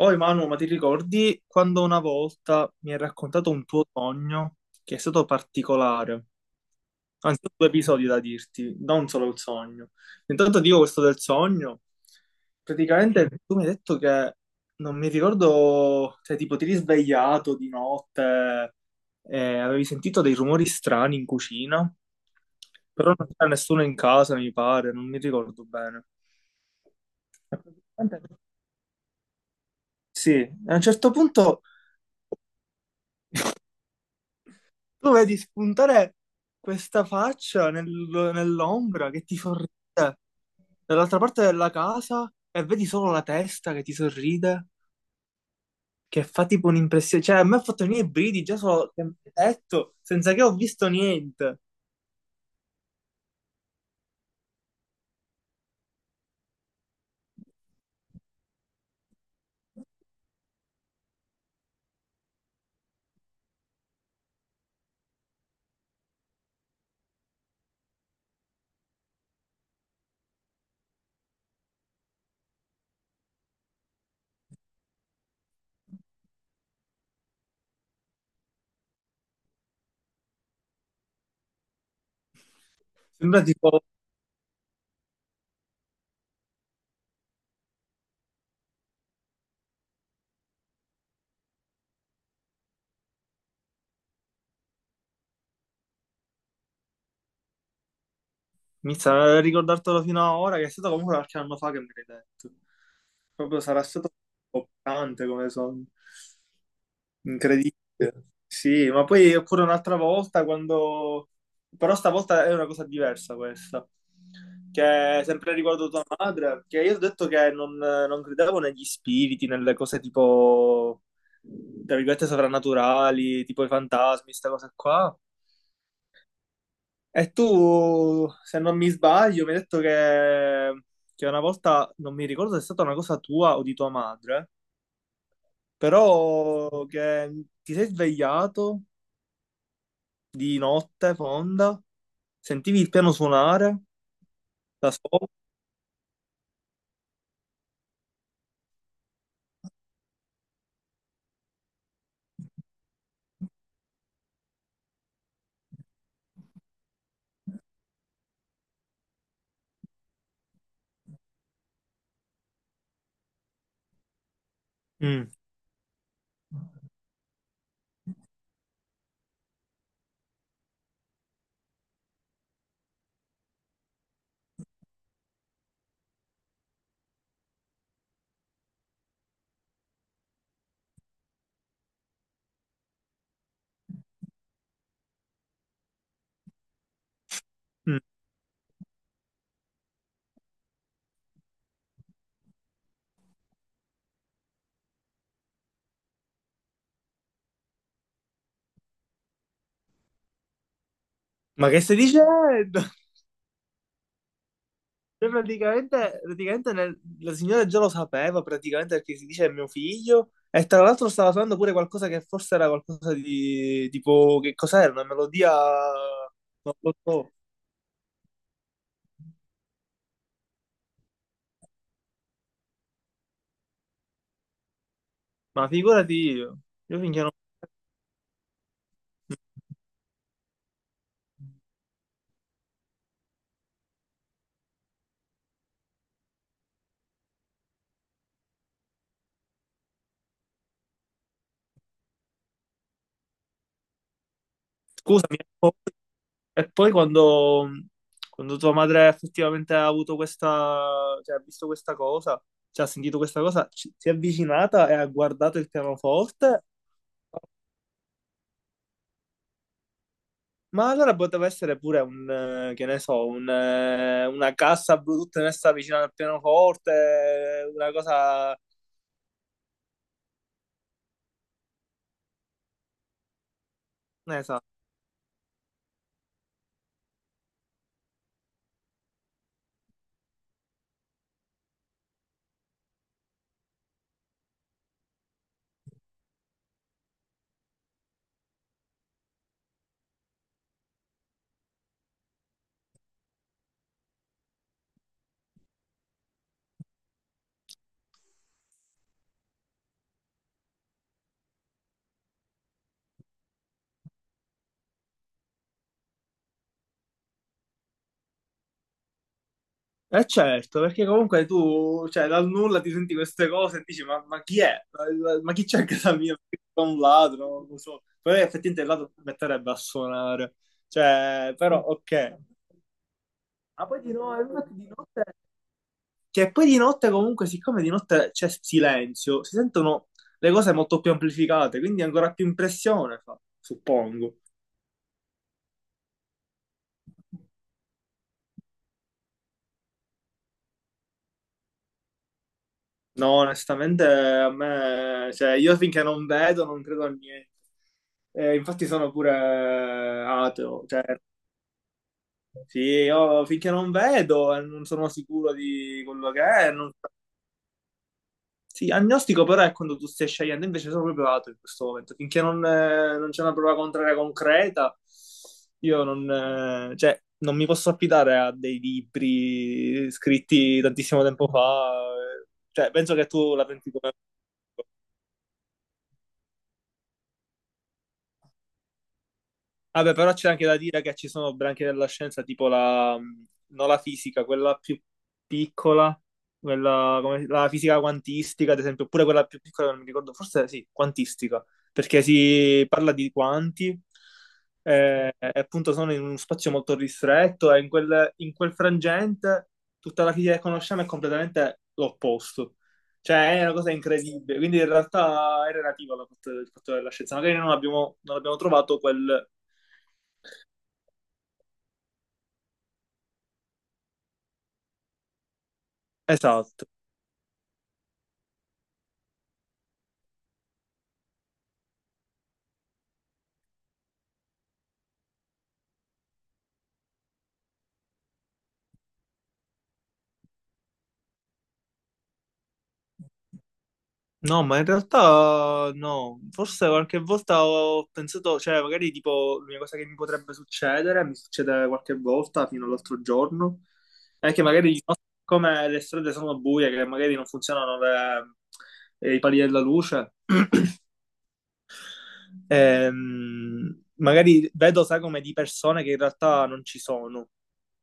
Oh Emanuele, ma ti ricordi quando una volta mi hai raccontato un tuo sogno che è stato particolare? Anzi, ho due episodi da dirti, non solo il sogno. Intanto dico questo del sogno. Praticamente tu mi hai detto che non mi ricordo, cioè tipo ti eri svegliato di notte e avevi sentito dei rumori strani in cucina, però non c'era nessuno in casa, mi pare, non mi ricordo bene. E praticamente- sì, a un certo punto tu vedi spuntare questa faccia nell'ombra che ti sorride dall'altra parte della casa e vedi solo la testa che ti sorride, che fa tipo un'impressione. Cioè, a me ha fatto venire i brividi già solo che mi hai detto, senza che ho visto niente. Sembra tipo, mi sa, ricordartelo fino a ora, che è stato comunque qualche anno fa che me l'hai detto. Proprio sarà stato toccante come sogno. Incredibile. Sì, ma poi oppure un'altra volta quando... Però stavolta è una cosa diversa questa, che è sempre riguardo tua madre, che io ho detto che non credevo negli spiriti, nelle cose tipo, tra virgolette, soprannaturali, tipo i fantasmi, queste cose qua. E tu, se non mi sbaglio, mi hai detto che una volta, non mi ricordo se è stata una cosa tua o di tua madre, però che ti sei svegliato di notte fonda, sentivi il piano suonare da sopra. Mm. Ma che stai dicendo? Cioè, praticamente la signora già lo sapeva, praticamente perché si dice è mio figlio, e tra l'altro stava suonando pure qualcosa che forse era qualcosa di tipo, che cos'era? Una melodia, non lo so, ma figurati io finché non... Scusami, eh. E poi quando tua madre effettivamente ha avuto questa, cioè ha visto questa cosa, cioè ha sentito questa cosa, si è avvicinata e ha guardato il pianoforte, ma allora poteva essere pure un, che ne so, un, una cassa Bluetooth messa vicino al pianoforte, una cosa, non ne so. Eh certo, perché comunque tu, cioè, dal nulla ti senti queste cose e dici, ma chi è? Ma chi c'è a casa mia? È un ladro, non lo so. Poi effettivamente il ladro ti metterebbe a suonare. Cioè, però, ok. Ma poi di no- infatti di notte... Cioè, poi di notte comunque, siccome di notte c'è silenzio, si sentono le cose molto più amplificate, quindi ancora più impressione fa, suppongo. No, onestamente a me, cioè, io finché non vedo non credo a niente. Infatti sono pure ateo, cioè, sì, io finché non vedo e non sono sicuro di quello che è. So. Sì, agnostico però è quando tu stai scegliendo, invece sono proprio ateo in questo momento. Finché non, non c'è una prova contraria concreta, io non, cioè, non mi posso affidare a dei libri scritti tantissimo tempo fa. eh. Cioè, penso che tu la pensi come... Vabbè, però c'è anche da dire che ci sono branche della scienza, tipo la, non la fisica, quella più piccola, quella come, la fisica quantistica, ad esempio, oppure quella più piccola, non mi ricordo, forse sì, quantistica, perché si parla di quanti, e appunto sono in uno spazio molto ristretto e in quel frangente tutta la fisica che conosciamo è completamente l'opposto. Cioè, è una cosa incredibile, quindi in realtà è relativa al fatto, il fatto della scienza. Magari non abbiamo trovato quel, esatto. No, ma in realtà no, forse qualche volta ho pensato, cioè magari tipo l'unica cosa che mi potrebbe succedere, mi succede qualche volta fino all'altro giorno, è che magari di notte, come le strade sono buie, che magari non funzionano i pali della luce. Magari vedo sagome di persone che in realtà non ci sono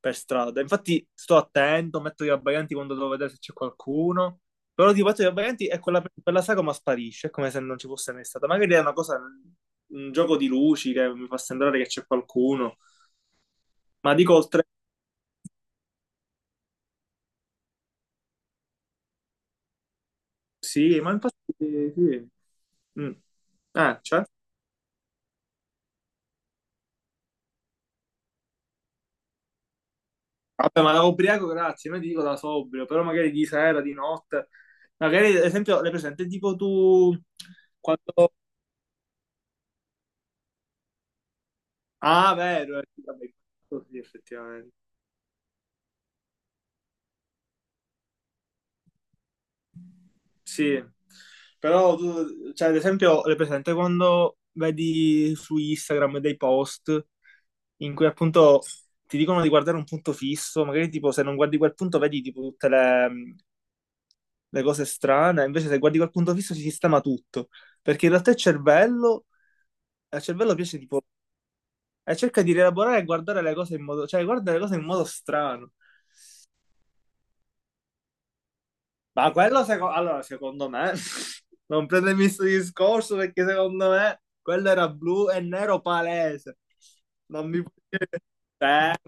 per strada. Infatti sto attento, metto gli abbaglianti quando devo vedere se c'è qualcuno. Però tipo metto gli abbaglianti e quella sagoma sparisce, è come se non ci fosse mai stata. Magari è una cosa, un gioco di luci che mi fa sembrare che c'è qualcuno. Ma dico oltre... Sì, ma infatti sì. Mm. C'è? Vabbè, ma da ubriaco, grazie, non ti dico da sobrio, però magari di sera, di notte. Magari, ad esempio, le presente, tipo tu, quando... Ah, vero, sì, vabbè, così effettivamente. Sì, però tu, cioè, ad esempio, le presente quando vedi su Instagram dei post in cui appunto ti dicono di guardare un punto fisso, magari tipo se non guardi quel punto vedi tipo tutte le, mm, le cose strane, invece se guardi quel punto fisso si sistema tutto, perché in realtà il cervello al cervello piace tipo, e cerca di rielaborare e guardare le cose in modo, cioè guarda le cose in modo strano. Ma quello, allora, secondo me, non prendermi questo discorso perché secondo me quello era blu e nero palese. Non mi puoi dire,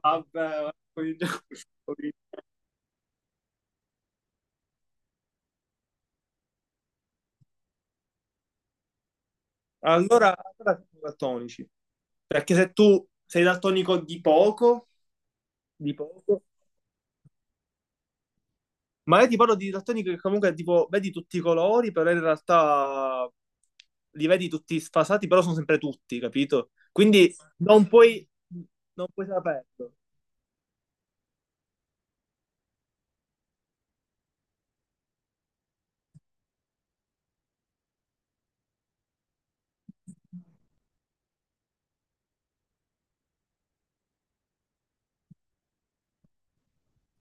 vabbè, cominciamo. allora, siamo daltonici. Perché se tu sei daltonico di poco, ma io ti parlo di didattonica che comunque tipo vedi tutti i colori, però in realtà li vedi tutti sfasati, però sono sempre tutti, capito? Quindi non puoi saperlo.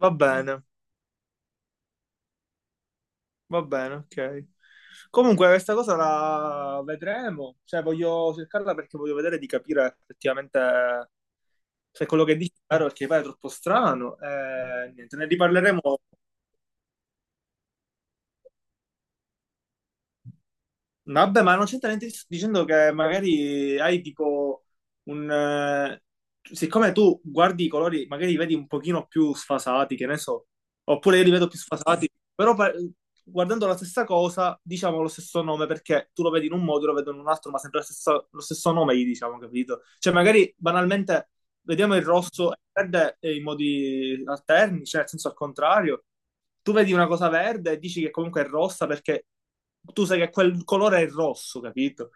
Va bene, va bene, ok. Comunque questa cosa la vedremo, cioè voglio cercarla perché voglio vedere di capire effettivamente se quello che dici è vero, perché poi è troppo strano. Niente, ne riparleremo. Vabbè, ma non c'entra niente dicendo che magari hai tipo un... siccome tu guardi i colori, magari li vedi un pochino più sfasati, che ne so, oppure io li vedo più sfasati, guardando la stessa cosa diciamo lo stesso nome perché tu lo vedi in un modo, io lo vedo in un altro, ma sempre lo stesso nome gli diciamo, capito? Cioè magari banalmente vediamo il rosso e il verde in modi alterni, cioè nel senso al contrario. Tu vedi una cosa verde e dici che comunque è rossa perché tu sai che quel colore è il rosso, capito?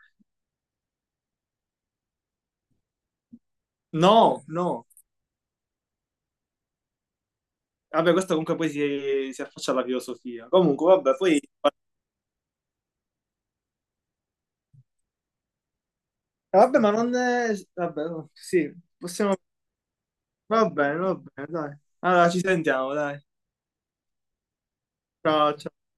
No, no. Vabbè, questo comunque poi si affaccia alla filosofia. Comunque, vabbè, poi... Vabbè, ma non è... Vabbè, no, sì, possiamo... va bene, dai. Allora, ci sentiamo, dai. Ciao, ciao.